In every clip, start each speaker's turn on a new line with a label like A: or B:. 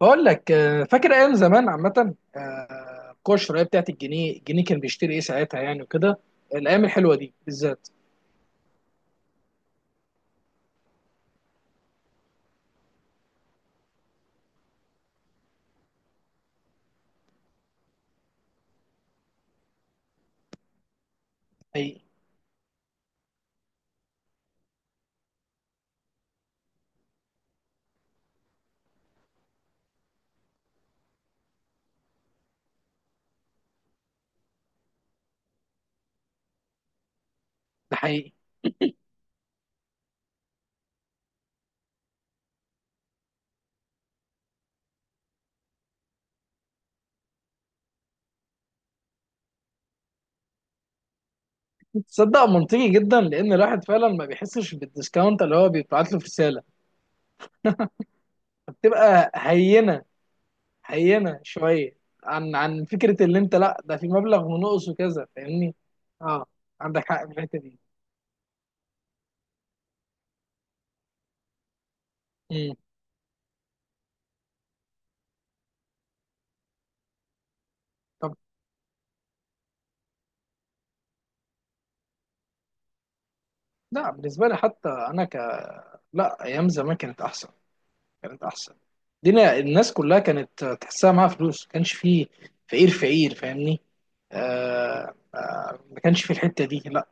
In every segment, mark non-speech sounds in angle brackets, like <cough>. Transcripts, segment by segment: A: بقول لك، آه، فاكر ايام زمان عامه، آه، القوه الشرائيه بتاعت الجنيه كان بيشتري ايه ساعتها يعني وكده. الايام الحلوه دي بالذات. حقيقي. ده حقيقي. تصدق منطقي جدا لان الواحد فعلا ما بيحسش بالديسكاونت اللي هو بيبعت له في رساله، فبتبقى هينه. هينه شويه. عن فكره اللي انت، لا ده في مبلغ ونقص وكذا فاهمني. اه، عندك حق في الحته دي. مم. طب، لا بالنسبه لي حتى انا ك، لا ايام زمان كانت احسن. كانت احسن. دينا الناس كلها كانت تحسها معاها فلوس، ما كانش فيه فقير فقير فاهمني. آه آه، ما كانش في الحته دي لا.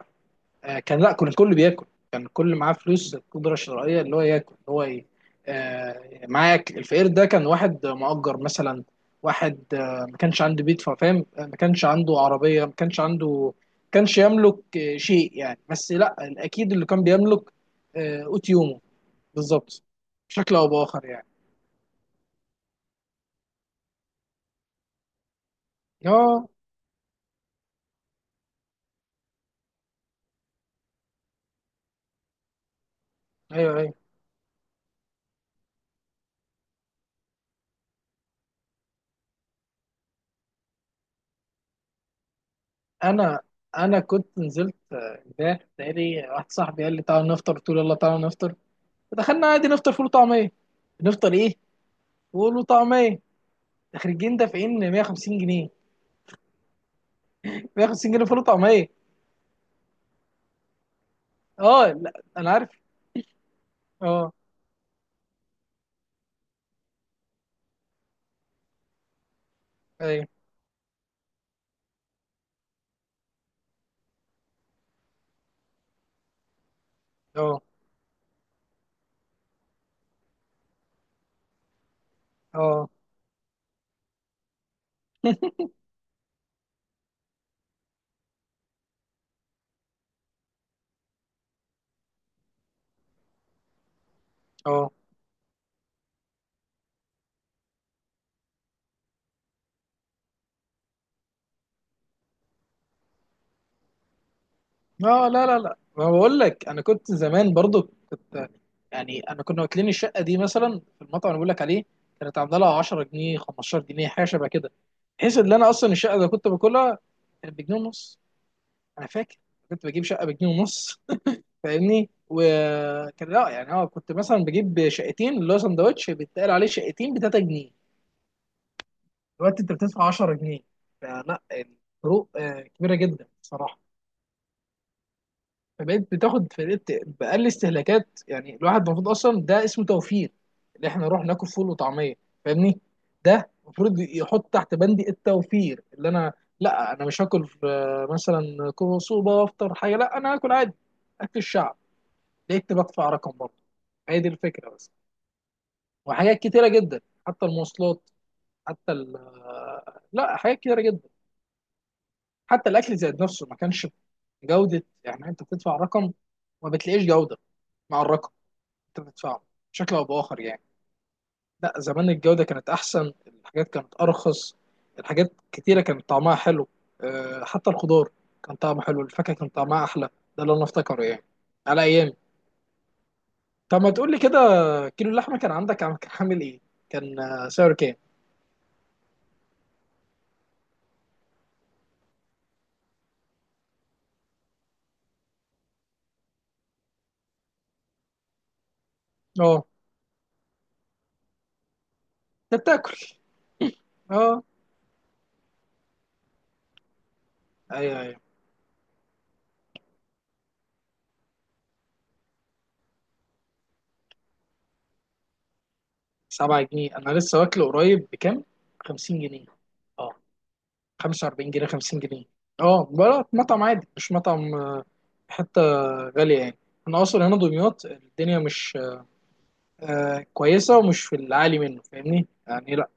A: آه كان، لا كان الكل بياكل. كان الكل معاه فلوس قدره شرائيه، اللي هو ياكل اللي هو ي-، آه معاه ياكل. الفقير ده كان واحد مؤجر مثلا، واحد ما كانش عنده بيت فاهم، آه، ما كانش عنده عربيه، ما كانش عنده، ما كانش يملك آه، شيء يعني، بس لا، اكيد اللي كان بيملك آه قوت يومه. بالظبط. بشكل او باخر يعني. اه، ايوه ايوه، انا انا كنت نزلت آه، امبارح تقريبا، واحد صاحبي قال لي تعالى نفطر، قلت له يلا تعالى نفطر. فدخلنا عادي نفطر فول وطعميه. نفطر ايه؟ فول وطعميه. خارجين دافعين 150 جنيه. 150 جنيه فول وطعميه. اه لا انا عارف. اه، ايوه، اه اه اه اه، لا لا لا، ما بقول لك انا كنت زمان برضو كنت، يعني انا كنا واكلين الشقه دي مثلا في المطعم اللي بقول لك عليه، كانت عامله لها 10 جنيه 15 جنيه، حاجه شبه كده، بحيث ان انا اصلا الشقه اللي كنت باكلها كانت بجنيه ونص. انا فاكر كنت بجيب شقه بجنيه ونص. <laughs> فاهمني، وكان لا يعني اه، كنت مثلا بجيب شقتين اللي هو سندوتش بيتقال عليه شقتين ب 3 جنيه. دلوقتي انت بتدفع 10 جنيه. فلا، الفروق آه، كبيره جدا بصراحه. فبقيت بتاخد فرقت بأقل استهلاكات، يعني الواحد المفروض اصلا ده اسمه توفير، اللي احنا نروح ناكل فول وطعميه. فاهمني، ده المفروض يحط تحت بندي التوفير، اللي انا، لا انا مش هاكل في- مثلا كوسوبه وافطر حاجه، لا انا هاكل عادي اكل الشعب، لقيت بدفع رقم برضه. هي دي الفكره بس. وحاجات كتيره جدا، حتى المواصلات، حتى ال-، لا حاجات كتيره جدا. حتى الاكل زاد نفسه، ما كانش جوده، يعني انت بتدفع رقم وما بتلاقيش جوده مع الرقم انت بتدفعه، بشكل او باخر يعني. لا زمان الجوده كانت احسن، الحاجات كانت ارخص، الحاجات كتيره كانت طعمها حلو. أه حتى الخضار كان طعمه حلو، الفاكهه كان طعمها احلى. ده اللي انا افتكره يعني على ايامي. طب ما تقول لي كده، كيلو اللحمه كان عندك عم-، كان عامل ايه؟ كان آه، سعره كام؟ اه، انت بتاكل. اه، ايوه ايوه. 7 جنيه؟ انا لسه واكله قريب بكام؟ 50 جنيه. اه. 45 جنيه، 50 جنيه. اه، بلا مطعم عادي مش مطعم، آه، حتة غالية يعني. انا اصلا هنا دمياط، الدنيا مش آه، كويسة ومش في العالي منه فاهمني يعني، لا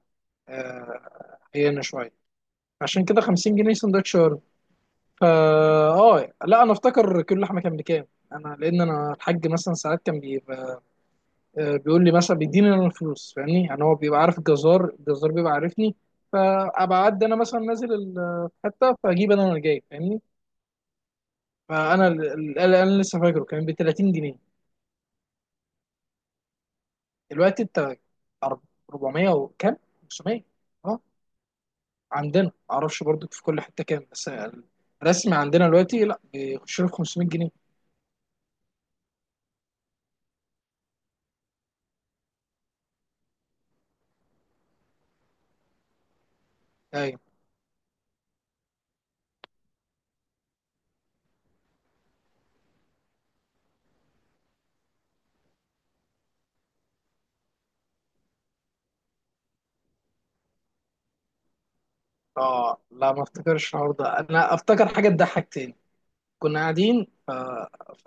A: آه، هي هنا شوية. عشان كده 50 جنيه سندوتش وارد. فا، اه لا انا افتكر كيلو لحمة كان بكام. انا، لان انا الحاج مثلا ساعات كان بيبقى، آه، بيقول لي مثلا بيديني انا الفلوس، فاهمني، يعني هو بيبقى عارف الجزار، الجزار بيبقى عارفني، فابقى اعدي انا مثلا نازل ال- حته فاجيب انا وانا جاي فاهمني. فانا ال- ال- ال- انا لسه فاكره كان ب 30 جنيه. دلوقتي انت أر-، 400 وكام، 500. اه عندنا معرفش برضو في كل حته كام، بس الرسمي عندنا دلوقتي لا بيخش له في 500 جنيه. ايوه. اه لا ما افتكرش الحوار ده، انا افتكر حاجه تضحك تاني. كنا قاعدين ف...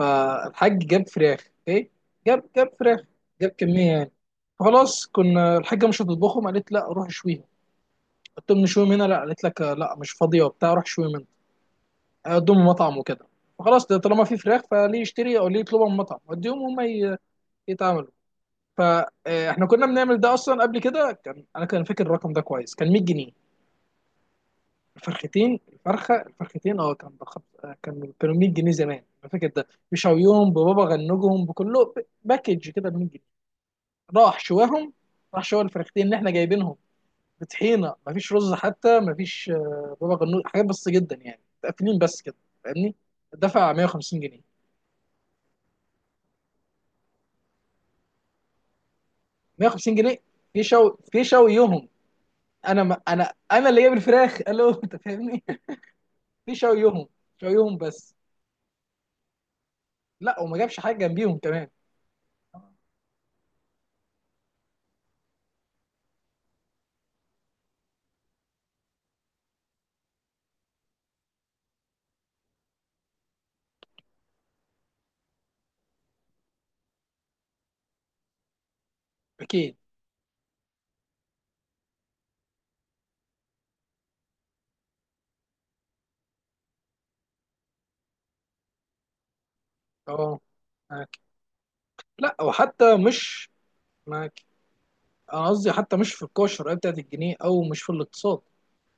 A: فالحاج جاب فراخ اوكي، جاب فراخ، جاب كميه يعني. فخلاص كنا، الحاجه مش هتطبخهم، قالت لا روح شويهم. قلت لهم نشويهم هنا، لا قالت لك آه، لا مش فاضيه وبتاع، روح شويهم هنا. اقدم مطعم وكده. فخلاص طالما في فراخ، فليه يشتري او ليه يطلبها من مطعم، وديهم هم ي- يتعاملوا. فاحنا كنا بنعمل ده اصلا قبل كده، كان انا كان فاكر الرقم ده كويس، كان 100 جنيه. الفرختين الفرخه الفرختين اه كان بخ...، كان كانوا 100 جنيه زمان انا فاكر، ده بشويهم ببابا غنوجهم بكله ب- باكج كده ب 100 جنيه. راح شواهم، راح شوى الفرختين اللي احنا جايبينهم بطحينه، مفيش رز، حتى مفيش آه، بابا غنوج، حاجات بس جدا يعني، متقفلين بس كده فاهمني. دفع 150 جنيه. 150 جنيه في شو، في شويهم. انا ما انا، انا اللي جايب الفراخ <laughs> الو انت فاهمني. <laughs> في شويهم. شويهم بس. لا وما جابش حاجه جنبيهم كمان. اكيد. اه، معاك. لا، وحتى مش معاك، انا قصدي حتى مش في القوى الشرائيه بتاعت الجنيه او مش في الاقتصاد،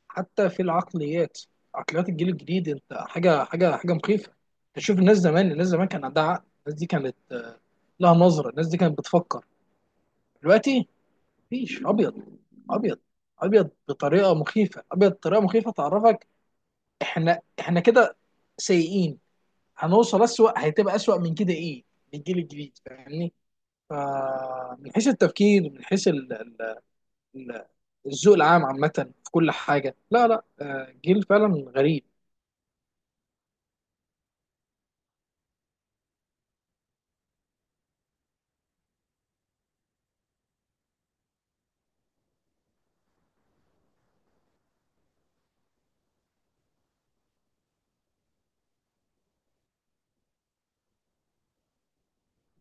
A: حتى في العقليات. عقليات الجيل الجديد انت، حاجه مخيفه. تشوف الناس زمان، الناس زمان كان عندها عقل، الناس دي كانت لها نظره، الناس دي كانت بتفكر. دلوقتي مفيش ابيض، ابيض، ابيض بطريقه مخيفه. ابيض بطريقه مخيفه، تعرفك احنا كده سيئين، هنوصل اسوأ، هتبقى اسوأ من كده ايه للجيل الجديد فاهمني. فمن حيث التفكير، من حيث ال- ال- ال- الذوق العام عامه في كل حاجه، لا لا، آه، جيل فعلا غريب.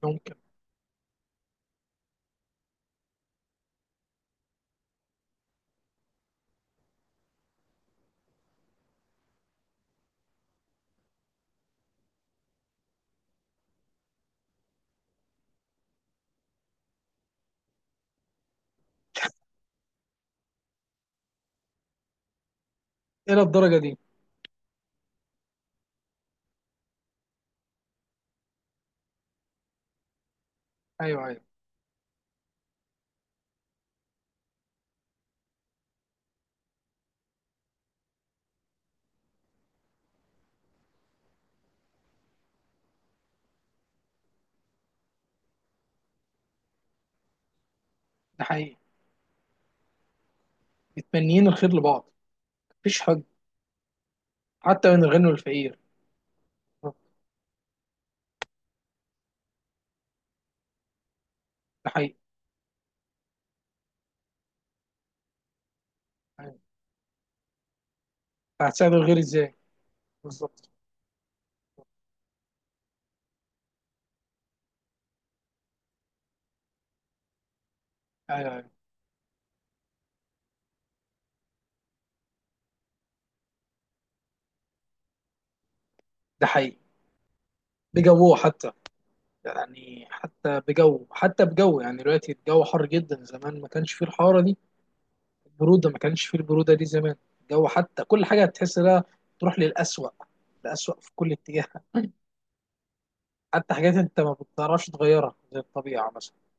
A: ممكن. الى الدرجه دي؟ ايوه ايوه. ده حقيقي، متمنيين الخير لبعض، مفيش حد. حتى من الغني والفقير. ده حقيقي. أيوة. فهتساعد الغير ازاي؟ بالظبط. ايوه ايوه. ده حقيقي. بجوه حتى، يعني حتى بجو، حتى بجو، يعني دلوقتي الجو حر جدا، زمان ما كانش فيه الحرارة دي، البرودة ما كانش فيه البرودة دي زمان. الجو، حتى كل حاجة هتحس لها تروح للأسوأ، الأسوأ في كل اتجاه. <laughs> حتى حاجات انت ما بتعرفش تغيرها زي الطبيعة مثلا.